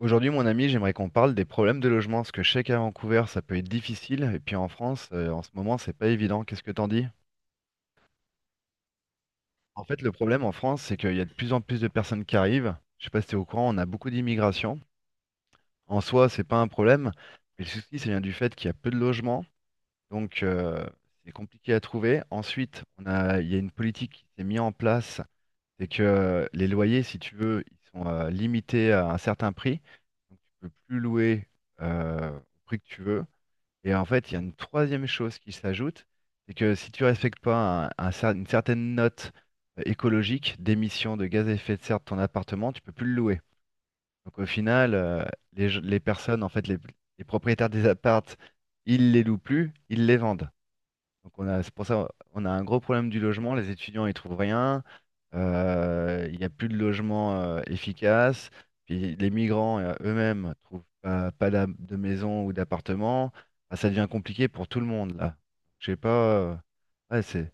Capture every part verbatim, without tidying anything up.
Aujourd'hui, mon ami, j'aimerais qu'on parle des problèmes de logement, parce que je sais qu'à Vancouver, ça peut être difficile, et puis en France, euh, en ce moment, c'est pas évident. Qu'est-ce que t'en dis? En fait, le problème en France, c'est qu'il y a de plus en plus de personnes qui arrivent. Je sais pas si t'es au courant, on a beaucoup d'immigration. En soi, c'est pas un problème, mais le souci, c'est bien du fait qu'il y a peu de logements, donc euh, c'est compliqué à trouver. Ensuite, on a, il y a une politique qui s'est mise en place, c'est que les loyers, si tu veux, ils sont euh, limités à un certain prix, donc tu peux plus louer euh, au prix que tu veux. Et en fait, il y a une troisième chose qui s'ajoute, c'est que si tu respectes pas un- un cer- une certaine note euh, écologique d'émissions de gaz à effet de serre de ton appartement, tu peux plus le louer. Donc au final, euh, les, je- les personnes, en fait, les, les propriétaires des appartes, ils les louent plus, ils les vendent. Donc on a, c'est pour ça on a un gros problème du logement. Les étudiants ils trouvent rien. Euh, il n'y a plus de logement euh, efficace. Puis les migrants euh, eux-mêmes trouvent pas, pas d'a- de maison ou d'appartement. Ah, ça devient compliqué pour tout le monde là. Je sais pas, euh, ouais, c'est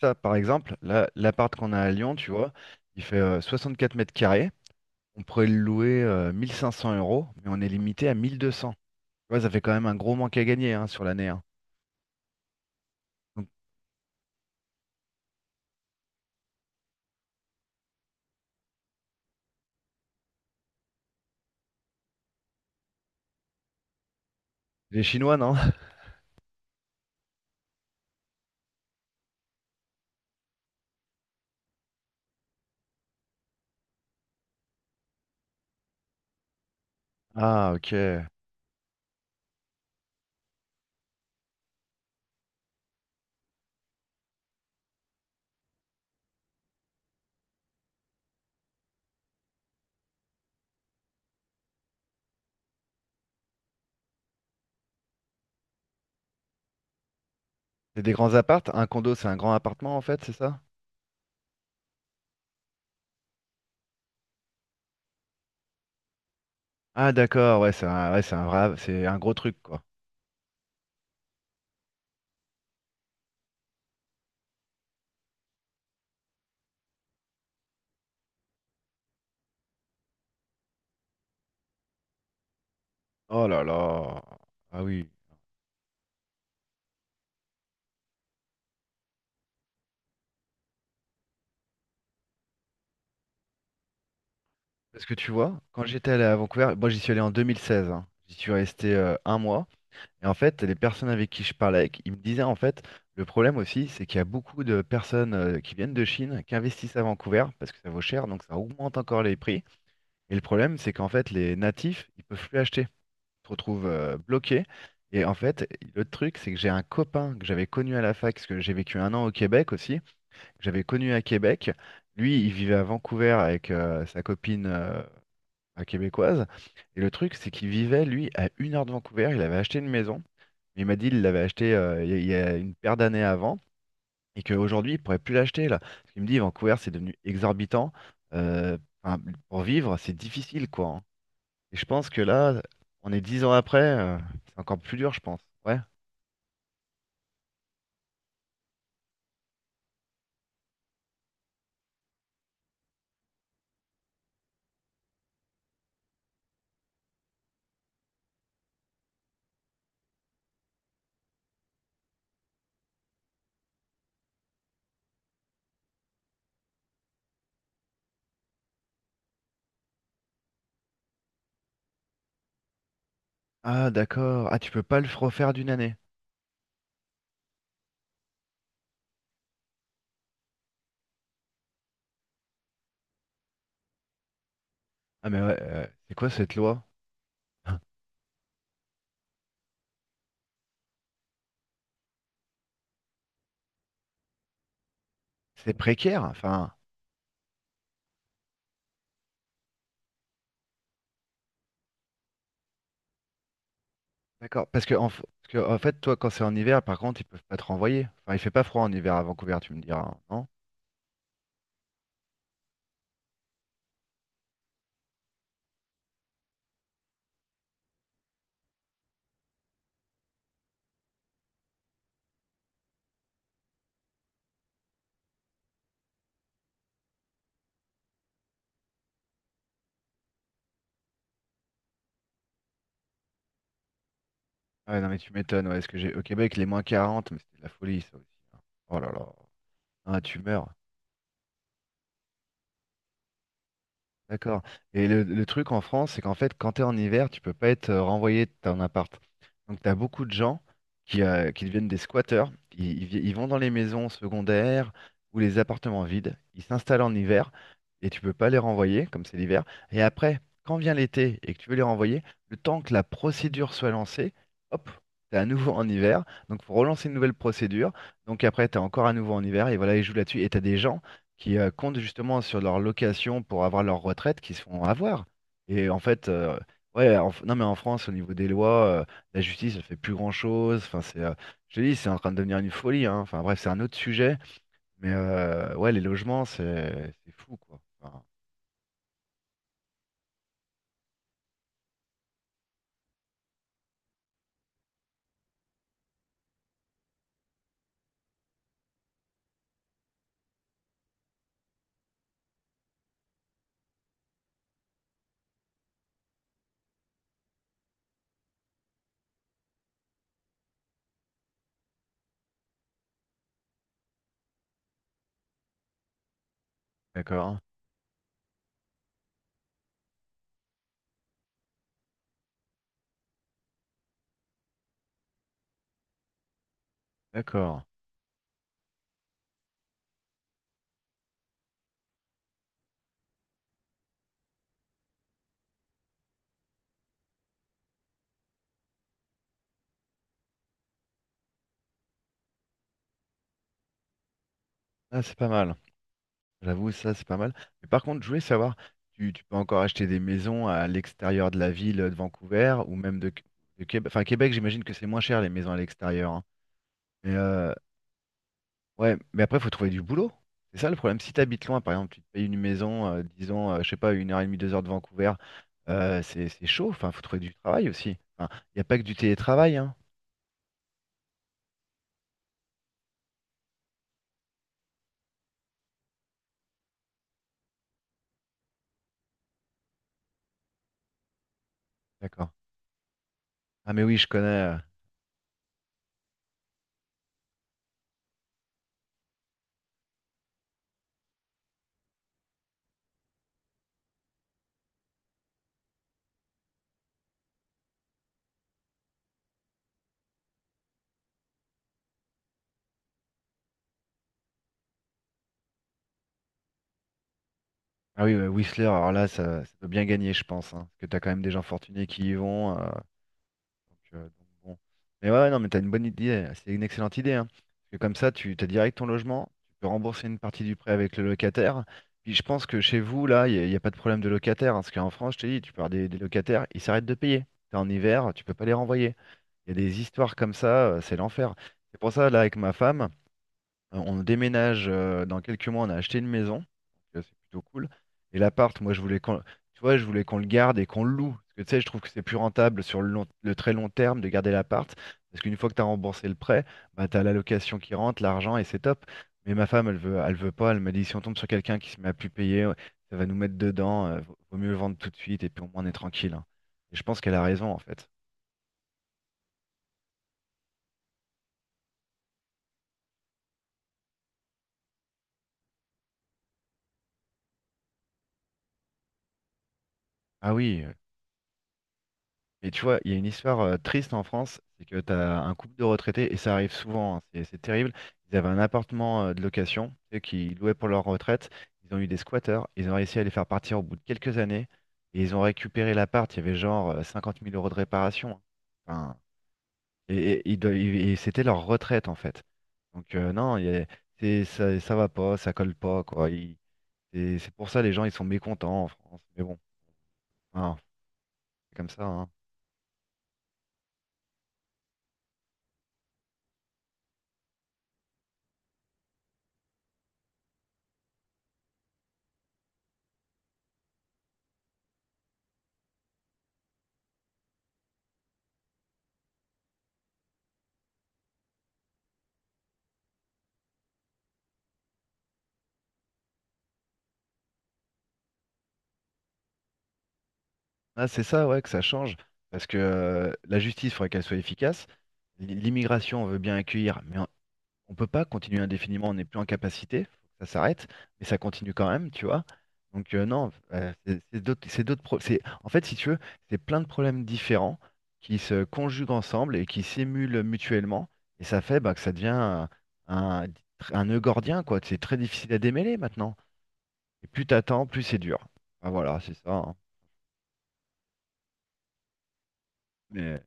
ça par exemple. Là, l'appart qu'on a à Lyon, tu vois, il fait euh, quatre mètres carrés. On pourrait le louer euh, mille cinq cents euros, mais on est limité à mille deux cents. Tu vois, ça fait quand même un gros manque à gagner, hein, sur l'année, hein. Donc, les Chinois, non? Ah, ok. C'est des grands appartes? Un condo, c'est un grand appartement en fait, c'est ça? Ah d'accord, ouais, c'est un, ouais, c'est un vrai, c'est un gros truc quoi. Oh là là. Ah oui. Parce que tu vois, quand j'étais allé à Vancouver, moi j'y suis allé en deux mille seize, hein. J'y suis resté euh, un mois. Et en fait, les personnes avec qui je parlais, ils me disaient en fait, le problème aussi, c'est qu'il y a beaucoup de personnes euh, qui viennent de Chine, qui investissent à Vancouver, parce que ça vaut cher, donc ça augmente encore les prix. Et le problème, c'est qu'en fait, les natifs, ils peuvent plus acheter. Te retrouves euh, bloqué. Et en fait, le truc, c'est que j'ai un copain que j'avais connu à la fac, parce que j'ai vécu un an au Québec aussi, que j'avais connu à Québec. Lui, il vivait à Vancouver avec euh, sa copine, euh, un québécoise. Et le truc, c'est qu'il vivait, lui, à une heure de Vancouver. Il avait acheté une maison. Il m'a dit il l'avait acheté, euh, il y a il y a une paire d'années avant, et qu'aujourd'hui, il pourrait plus l'acheter là. Parce qu'il me dit, Vancouver, c'est devenu exorbitant. Euh, enfin, pour vivre, c'est difficile, quoi. Et je pense que là, on est dix ans après, euh, c'est encore plus dur, je pense. Ouais. Ah, d'accord. Ah, tu peux pas le refaire d'une année. Ah, mais ouais, euh, c'est quoi cette loi? C'est précaire, enfin. D'accord. Parce que, en, f- parce que, en fait, toi, quand c'est en hiver, par contre, ils peuvent pas te renvoyer. Enfin, il fait pas froid en hiver à Vancouver, tu me diras, hein, non? Ah, ouais, non, mais tu m'étonnes. Ouais, est-ce que j'ai au Québec, les moins quarante, mais c'était de la folie, ça aussi, hein. Oh là là. Ah, tu meurs. D'accord. Et le, le truc en France, c'est qu'en fait, quand tu es en hiver, tu peux pas être euh, renvoyé de ton appart. Donc, tu as beaucoup de gens qui, euh, qui deviennent des squatteurs. Ils, ils vi- ils vont dans les maisons secondaires ou les appartements vides. Ils s'installent en hiver et tu peux pas les renvoyer, comme c'est l'hiver. Et après, quand vient l'été et que tu veux les renvoyer, le temps que la procédure soit lancée, hop, tu es à nouveau en hiver. Donc, faut relancer une nouvelle procédure. Donc, après, tu es encore à nouveau en hiver. Et voilà, ils jouent là-dessus. Et tu as des gens qui euh, comptent justement sur leur location pour avoir leur retraite, qui se font avoir. Et en fait, euh, ouais, en F- non mais en France, au niveau des lois, euh, la justice, elle fait plus grand-chose. Enfin, c'est, euh, je te dis, c'est en train de devenir une folie, hein. Enfin bref, c'est un autre sujet. Mais euh, ouais, les logements, c'est c'est fou, quoi. Enfin, d'accord, hein. D'accord. Ah, c'est pas mal. J'avoue, ça, c'est pas mal. Mais par contre, je voulais savoir, tu, tu peux encore acheter des maisons à l'extérieur de la ville de Vancouver ou même de, de Québec. Enfin, Québec, j'imagine que c'est moins cher les maisons à l'extérieur, hein. Mais euh, Ouais, mais après, il faut trouver du boulot. C'est ça le problème. Si tu habites loin, par exemple, tu te payes une maison, euh, disons, euh, je sais pas, une heure et demie, deux heures de Vancouver, euh, c'est c'est chaud. Enfin, faut trouver du travail aussi. Enfin, il n'y a pas que du télétravail, hein. D'accord. Ah, mais oui, je connais, euh, Ah oui, euh, Whistler, alors là, ça, ça peut bien gagner, je pense, hein, parce que tu as quand même des gens fortunés qui y vont. euh, Donc, euh, donc bon. Mais ouais, ouais, non, mais t'as une bonne idée. C'est une excellente idée, hein. Parce que comme ça, tu t'as direct ton logement, tu peux rembourser une partie du prêt avec le locataire. Puis je pense que chez vous, là, il n'y a, y a pas de problème de locataire, hein, parce qu'en France, je te dis, tu parles des, des locataires, ils s'arrêtent de payer. T'es en hiver, tu peux pas les renvoyer. Il y a des histoires comme ça, euh, c'est l'enfer. C'est pour ça, là, avec ma femme. Euh, On déménage euh, dans quelques mois, on a acheté une maison, donc euh, c'est plutôt cool. Et l'appart, moi je voulais qu'on, tu vois, je voulais qu'on le garde et qu'on le loue. Parce que tu sais, je trouve que c'est plus rentable sur le long- le très long terme de garder l'appart. Parce qu'une fois que tu as remboursé le prêt, bah, tu as la location qui rentre, l'argent et c'est top. Mais ma femme, elle veut, elle veut pas. Elle m'a dit si on tombe sur quelqu'un qui se met à plus payer, ouais, ça va nous mettre dedans, euh, vaut vaut mieux vendre tout de suite et puis au moins on est tranquille, hein. Et je pense qu'elle a raison en fait. Ah oui, euh, Et tu vois, il y a une histoire euh, triste en France, c'est que tu as un couple de retraités, et ça arrive souvent, hein, c'est c'est terrible. Ils avaient un appartement euh, de location, tu sais, qu'ils louaient pour leur retraite. Ils ont eu des squatteurs, ils ont réussi à les faire partir au bout de quelques années, et ils ont récupéré l'appart. Il y avait genre euh, cinquante mille euros de réparation, hein. Enfin, et et- ils doivent- et c'était leur retraite, en fait. Donc, euh, non, il y a- c'est- ça, ça va pas, ça colle pas, quoi. Il- C'est c'est pour ça les gens, ils sont mécontents en France. Mais bon, hein, c'est comme ça, hein. Ah, c'est ça, ouais, que ça change. Parce que euh, la justice, il faudrait qu'elle soit efficace. L- L'immigration, on veut bien accueillir, mais on ne peut pas continuer indéfiniment. On n'est plus en capacité. Faut que ça s'arrête. Mais ça continue quand même, tu vois. Donc, euh, non, euh, c'est c'est d'autres. c'est d'autres pro- c'est- En fait, si tu veux, c'est plein de problèmes différents qui se conjuguent ensemble et qui s'émulent mutuellement. Et ça fait bah, que ça devient un, un, un nœud gordien, quoi. C'est très difficile à démêler maintenant. Et plus t'attends, plus c'est dur. Ah, voilà, c'est ça, hein. Mais.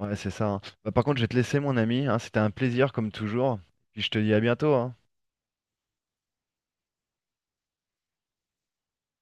Ouais, c'est ça, hein. Bah, par contre, je vais te laisser, mon ami, hein. C'était un plaisir, comme toujours. Puis je te dis à bientôt, hein.